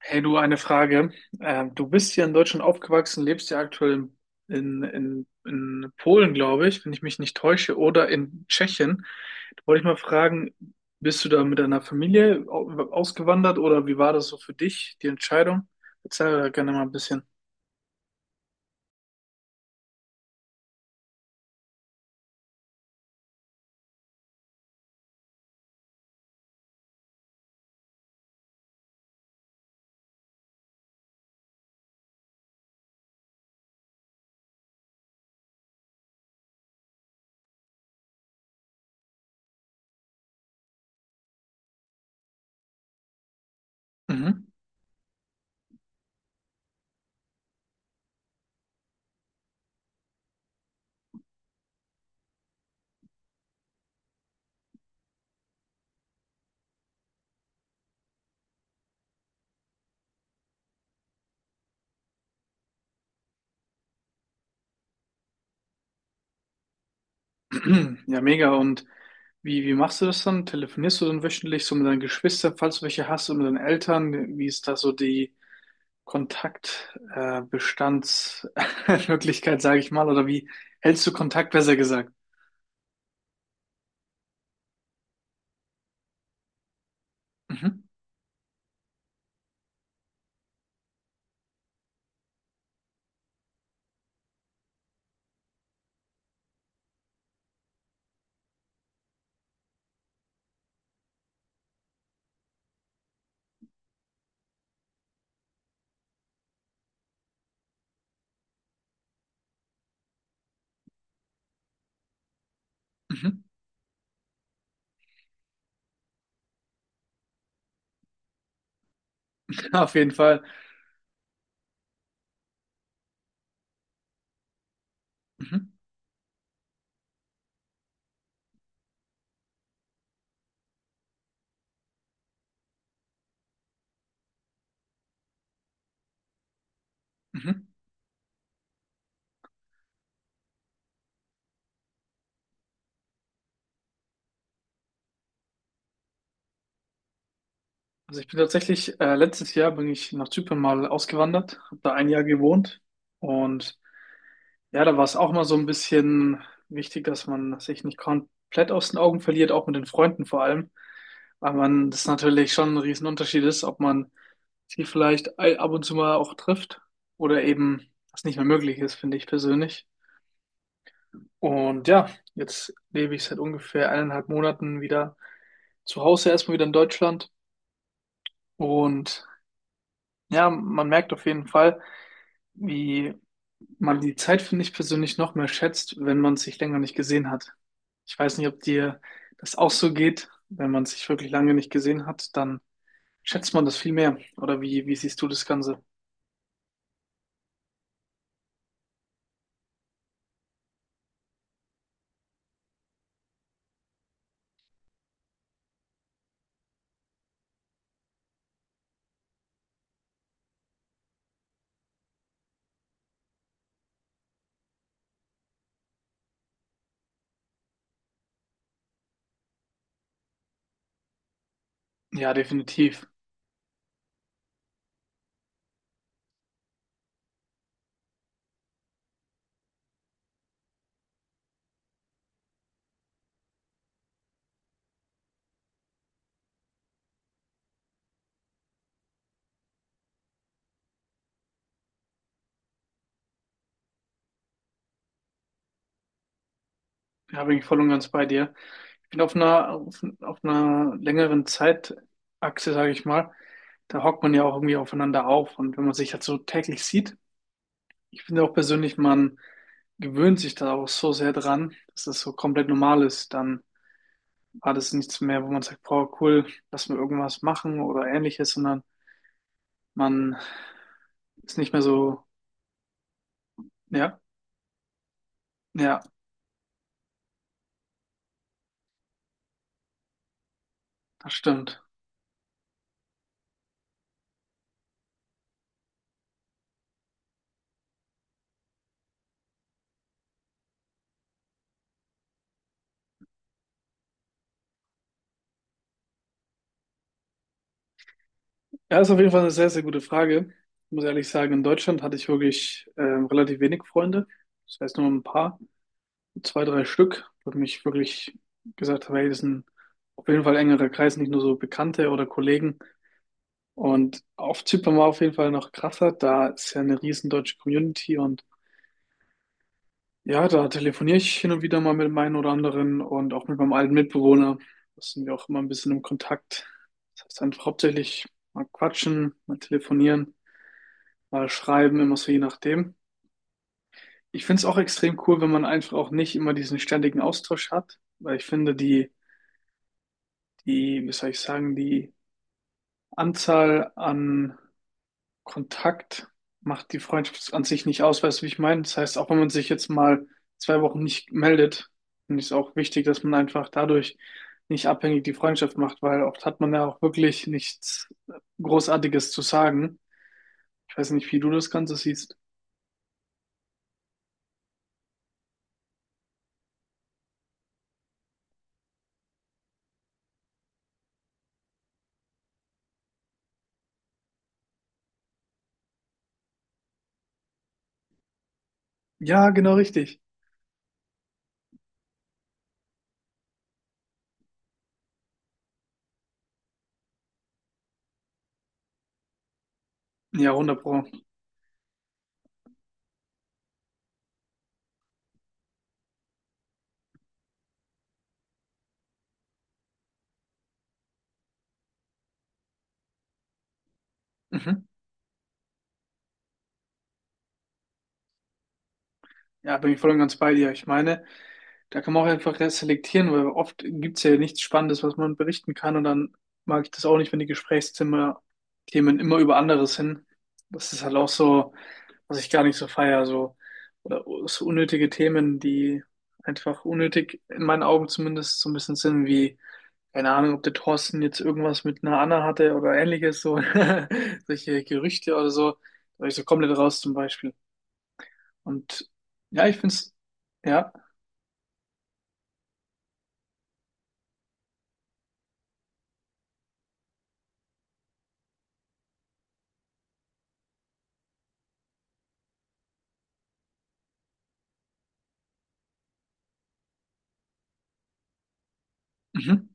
Hey du, eine Frage. Du bist hier in Deutschland aufgewachsen, lebst ja aktuell in Polen, glaube ich, wenn ich mich nicht täusche, oder in Tschechien. Da wollte ich mal fragen, bist du da mit deiner Familie ausgewandert oder wie war das so für dich, die Entscheidung? Erzähl da gerne mal ein bisschen. Mhm. Ja, mega. Und wie machst du das dann? Telefonierst du dann wöchentlich so mit deinen Geschwistern, falls du welche hast, und mit deinen Eltern? Wie ist da so die Kontaktbestandsmöglichkeit, sage ich mal, oder wie hältst du Kontakt, besser gesagt? Mhm, mhm. Auf jeden Fall. Mhm, mhm. Also ich bin tatsächlich, letztes Jahr bin ich nach Zypern mal ausgewandert, habe da ein Jahr gewohnt und ja, da war es auch mal so ein bisschen wichtig, dass man sich nicht komplett aus den Augen verliert, auch mit den Freunden vor allem, weil man das natürlich schon ein Riesenunterschied ist, ob man sie vielleicht ab und zu mal auch trifft oder eben was nicht mehr möglich ist, finde ich persönlich. Und ja, jetzt lebe ich seit ungefähr eineinhalb Monaten wieder zu Hause, erstmal wieder in Deutschland. Und ja, man merkt auf jeden Fall, wie man die Zeit, finde ich persönlich, noch mehr schätzt, wenn man sich länger nicht gesehen hat. Ich weiß nicht, ob dir das auch so geht. Wenn man sich wirklich lange nicht gesehen hat, dann schätzt man das viel mehr. Oder wie siehst du das Ganze? Ja, definitiv. Ja, bin ich voll und ganz bei dir. Ich bin auf einer längeren Zeitachse, sage ich mal, da hockt man ja auch irgendwie aufeinander auf. Und wenn man sich halt so täglich sieht, ich finde auch persönlich, man gewöhnt sich da auch so sehr dran, dass das so komplett normal ist. Dann war das nichts mehr, wo man sagt, boah, cool, lass mal irgendwas machen oder ähnliches, sondern man ist nicht mehr so, ja, ja, das stimmt. Ja, ist auf jeden Fall eine sehr, sehr gute Frage. Ich muss ehrlich sagen, in Deutschland hatte ich wirklich relativ wenig Freunde. Das heißt nur ein paar, zwei, drei Stück, wo ich mich wirklich gesagt habe, hey, das ist ein auf jeden Fall engerer Kreis, nicht nur so Bekannte oder Kollegen. Und auf Zypern war auf jeden Fall noch krasser. Da ist ja eine riesen deutsche Community und ja, da telefoniere ich hin und wieder mal mit dem einen oder anderen und auch mit meinem alten Mitbewohner. Da sind wir auch immer ein bisschen im Kontakt. Das heißt einfach hauptsächlich mal quatschen, mal telefonieren, mal schreiben, immer so je nachdem. Ich finde es auch extrem cool, wenn man einfach auch nicht immer diesen ständigen Austausch hat, weil ich finde, wie soll ich sagen, die Anzahl an Kontakt macht die Freundschaft an sich nicht aus, weißt du, wie ich meine? Das heißt, auch wenn man sich jetzt mal zwei Wochen nicht meldet, finde ich es auch wichtig, dass man einfach dadurch nicht abhängig die Freundschaft macht, weil oft hat man ja auch wirklich nichts Großartiges zu sagen. Ich weiß nicht, wie du das Ganze siehst. Ja, genau richtig. Ja, 100 Pro. Mhm. Ja, bin ich voll und ganz bei dir. Ich meine, da kann man auch einfach selektieren, weil oft gibt's ja nichts Spannendes, was man berichten kann. Und dann mag ich das auch nicht, wenn die Gesprächszimmer Themen immer über anderes hin. Das ist halt auch so, was ich gar nicht so feier. So, oder so unnötige Themen, die einfach unnötig, in meinen Augen zumindest, so ein bisschen sind, wie, keine Ahnung, ob der Thorsten jetzt irgendwas mit einer Anna hatte oder ähnliches, so solche Gerüchte oder so. Da war ich so komplett raus zum Beispiel. Und ja, ich find's. Ja. Mhm.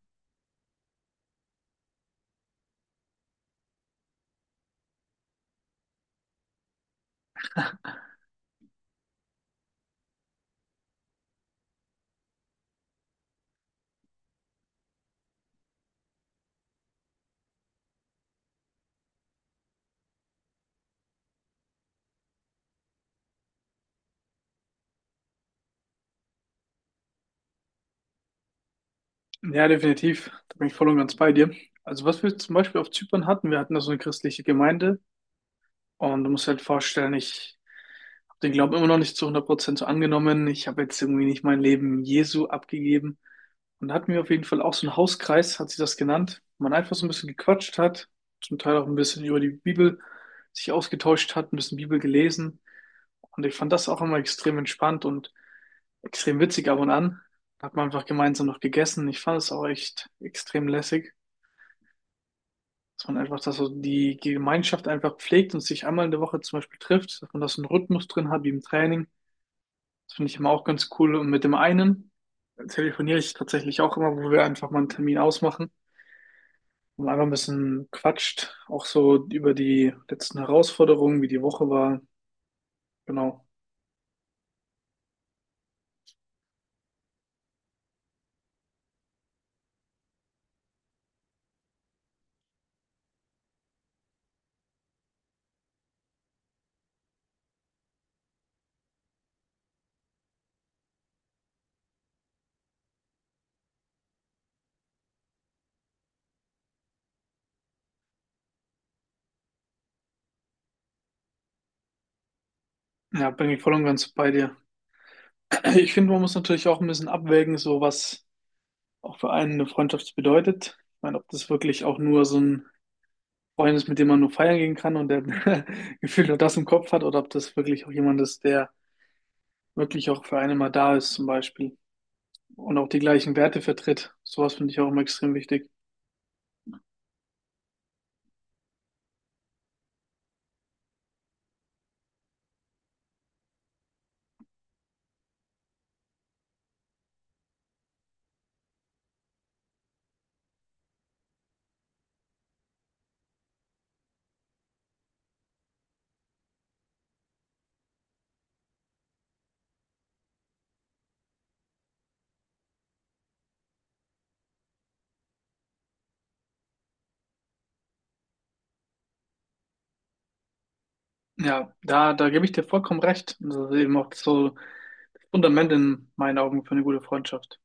Ja, definitiv. Da bin ich voll und ganz bei dir. Also was wir zum Beispiel auf Zypern hatten, wir hatten da so eine christliche Gemeinde und du musst halt vorstellen, ich den Glauben immer noch nicht zu hundert Prozent so angenommen. Ich habe jetzt irgendwie nicht mein Leben Jesu abgegeben. Und da hatten wir auf jeden Fall auch so einen Hauskreis, hat sie das genannt, wo man einfach so ein bisschen gequatscht hat, zum Teil auch ein bisschen über die Bibel sich ausgetauscht hat, ein bisschen Bibel gelesen. Und ich fand das auch immer extrem entspannt und extrem witzig ab und an. Da hat man einfach gemeinsam noch gegessen. Ich fand es auch echt extrem lässig, dass man einfach, dass so die Gemeinschaft einfach pflegt und sich einmal in der Woche zum Beispiel trifft, dass man das einen Rhythmus drin hat, wie im Training. Das finde ich immer auch ganz cool. Und mit dem einen telefoniere ich tatsächlich auch immer, wo wir einfach mal einen Termin ausmachen und einfach ein bisschen quatscht. Auch so über die letzten Herausforderungen, wie die Woche war. Genau. Ja, bin ich voll und ganz bei dir. Ich finde, man muss natürlich auch ein bisschen abwägen, so was auch für einen eine Freundschaft bedeutet. Ich meine, ob das wirklich auch nur so ein Freund ist, mit dem man nur feiern gehen kann und der gefühlt nur das im Kopf hat, oder ob das wirklich auch jemand ist, der wirklich auch für einen mal da ist, zum Beispiel, und auch die gleichen Werte vertritt. Sowas finde ich auch immer extrem wichtig. Ja, da gebe ich dir vollkommen recht. Und das ist eben auch so das Fundament in meinen Augen für eine gute Freundschaft.